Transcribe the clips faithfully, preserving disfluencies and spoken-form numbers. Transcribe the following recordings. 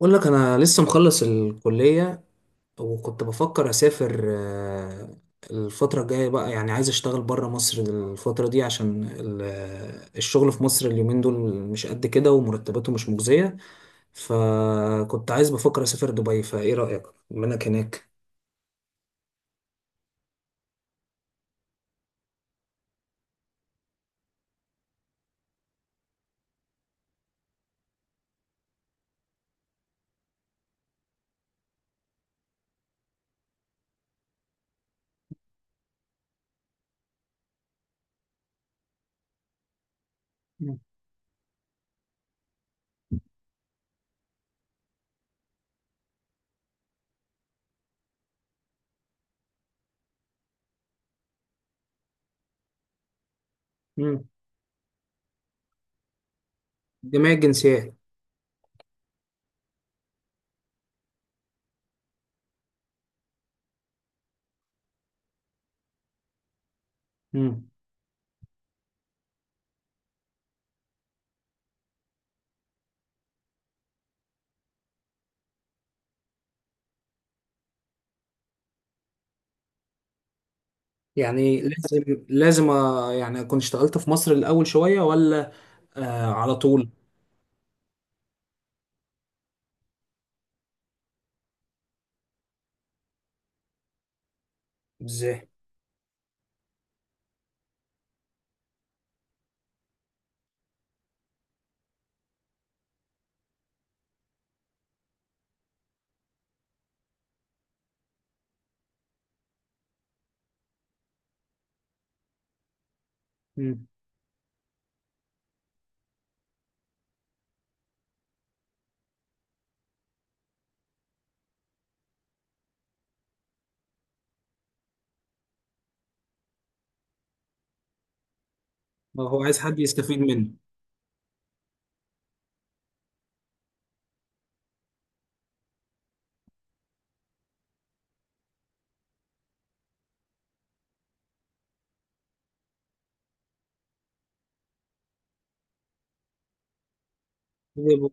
بقول لك انا لسه مخلص الكليه. وكنت بفكر اسافر، آه، الفتره الجايه بقى، يعني عايز اشتغل بره مصر الفتره دي، عشان ال- آه، الشغل في مصر اليومين دول مش قد كده، ومرتباته مش مجزيه. فكنت عايز بفكر اسافر دبي، فايه رايك بما انك هناك؟ مم. جميع الجنسيات. مم. يعني لازم لازم آه، يعني اكون اشتغلت في مصر الاول شويه، ولا؟ آه، على طول. ازاي؟ مم. هو عايز حد يستفيد منه. ديدي بوك.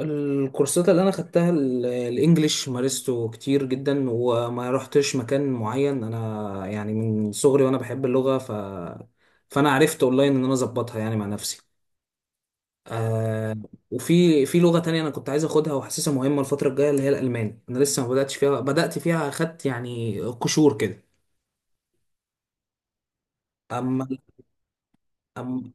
الكورسات اللي انا خدتها، ال- الانجليش مارسته كتير جدا، وما رحتش مكان معين، انا يعني من صغري وانا بحب اللغة، ف فانا عرفت اونلاين ان انا اظبطها يعني مع نفسي. آه وفي في لغة تانية انا كنت عايز اخدها، وحاسسها مهمة الفترة الجاية، اللي هي الالماني، انا لسه ما بدأتش فيها، بدأت فيها اخدت يعني قشور كده. اما. أم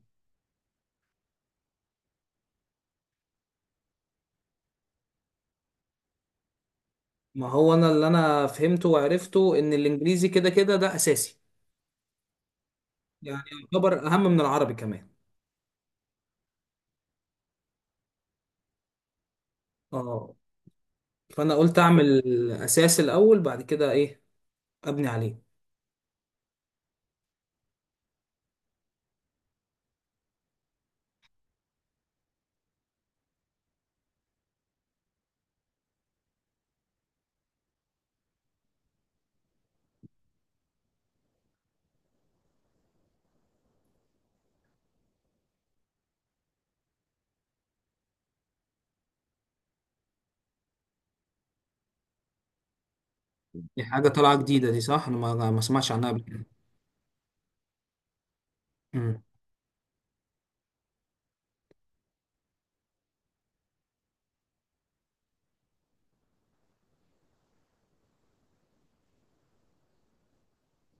ما هو انا اللي انا فهمته وعرفته، ان الانجليزي كده كده ده اساسي، يعني يعتبر اهم من العربي كمان. اه، فانا قلت اعمل اساس الاول، بعد كده ايه، ابني عليه. دي حاجه طالعه جديده دي، صح؟ انا ما ما اسمعش عنها قبل كده. أمم.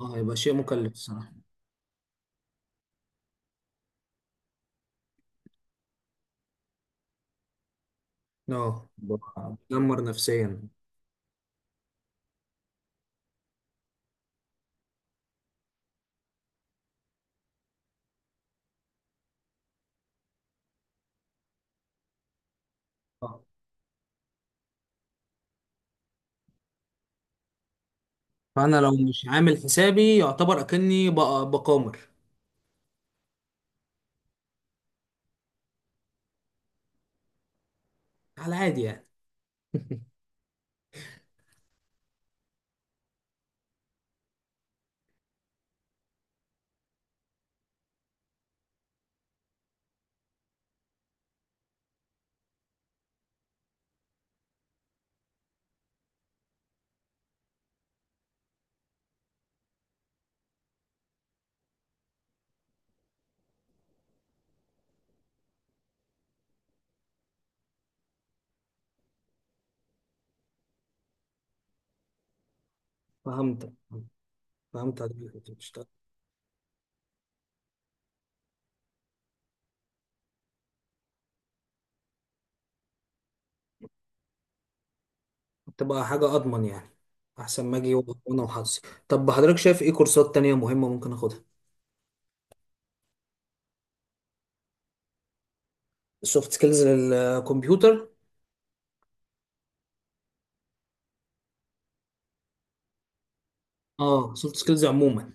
اه، هيبقى شيء مكلف الصراحه. اه، بتدمر نفسيا. آه. فانا لو مش عامل حسابي، يعتبر اكني بق- بقامر على عادي يعني. فهمت. فهمت، حضرتك كنت بتشتغل؟ تبقى حاجه اضمن يعني، احسن ما اجي وانا وحظي. طب حضرتك شايف ايه كورسات تانية مهمه ممكن اخدها؟ السوفت سكيلز للكمبيوتر؟ اه، سوفت سكيلز عموما.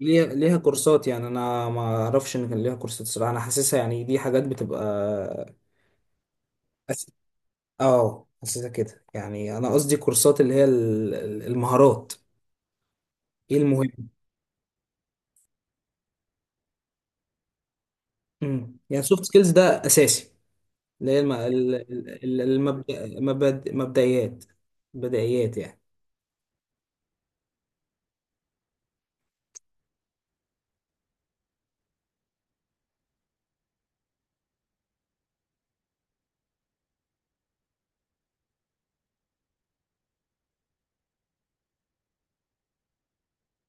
ليها ليها كورسات؟ يعني انا ما اعرفش ان كان ليها كورسات صراحه، انا حاسسها يعني دي حاجات بتبقى. أس- اه، حاسسها كده يعني، انا قصدي كورسات، اللي هي ال- ال- المهارات، ايه المهم. امم، يعني سوفت سكيلز ده اساسي، اللي هي الم- ال- ال- المبدأ مبد- مبدئيات، بدائيات يعني.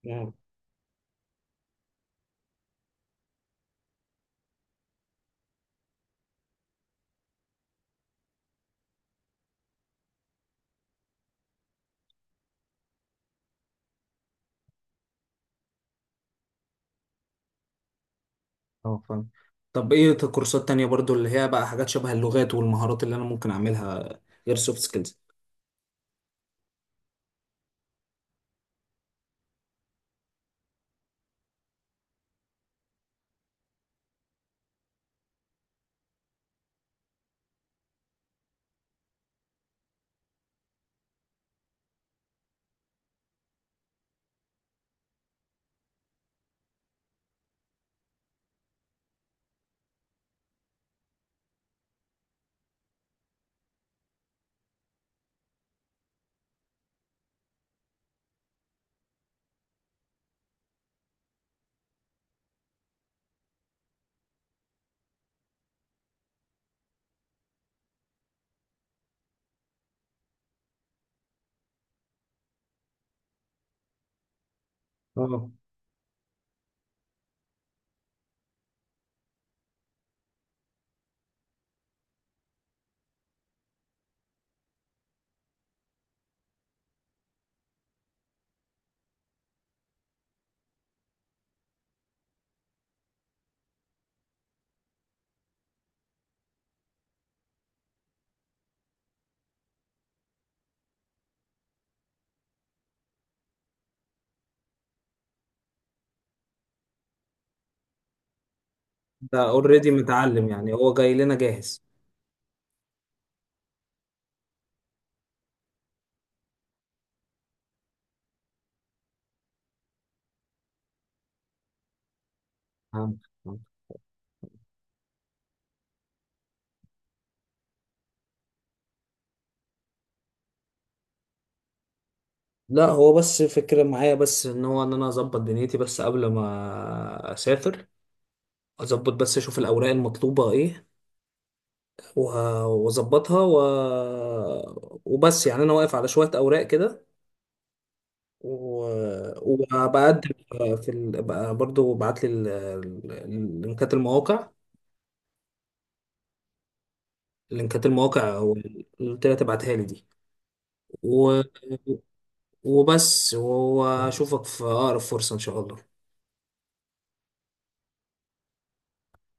مم. اه فاهم. طب ايه ت- كورسات تانية برضو، اللي هي بقى حاجات شبه اللغات والمهارات، اللي انا ممكن اعملها غير سوفت سكيلز. اه، ده اوريدي متعلم يعني، هو جاي لنا جاهز. فهمت. فهمت. لا، هو بس فكرة معايا، بس ان هو ان انا اظبط دنيتي بس قبل ما اسافر، اظبط بس اشوف الاوراق المطلوبة ايه، وه- واظبطها و... وبس يعني انا واقف على شوية اوراق كده، و... وبقدم. في ال... بقى برضو بعت لي ال... ال- لينكات المواقع، لينكات المواقع، قلت لها تبعتها لي دي، و... وبس واشوفك في اقرب فرصة ان شاء الله.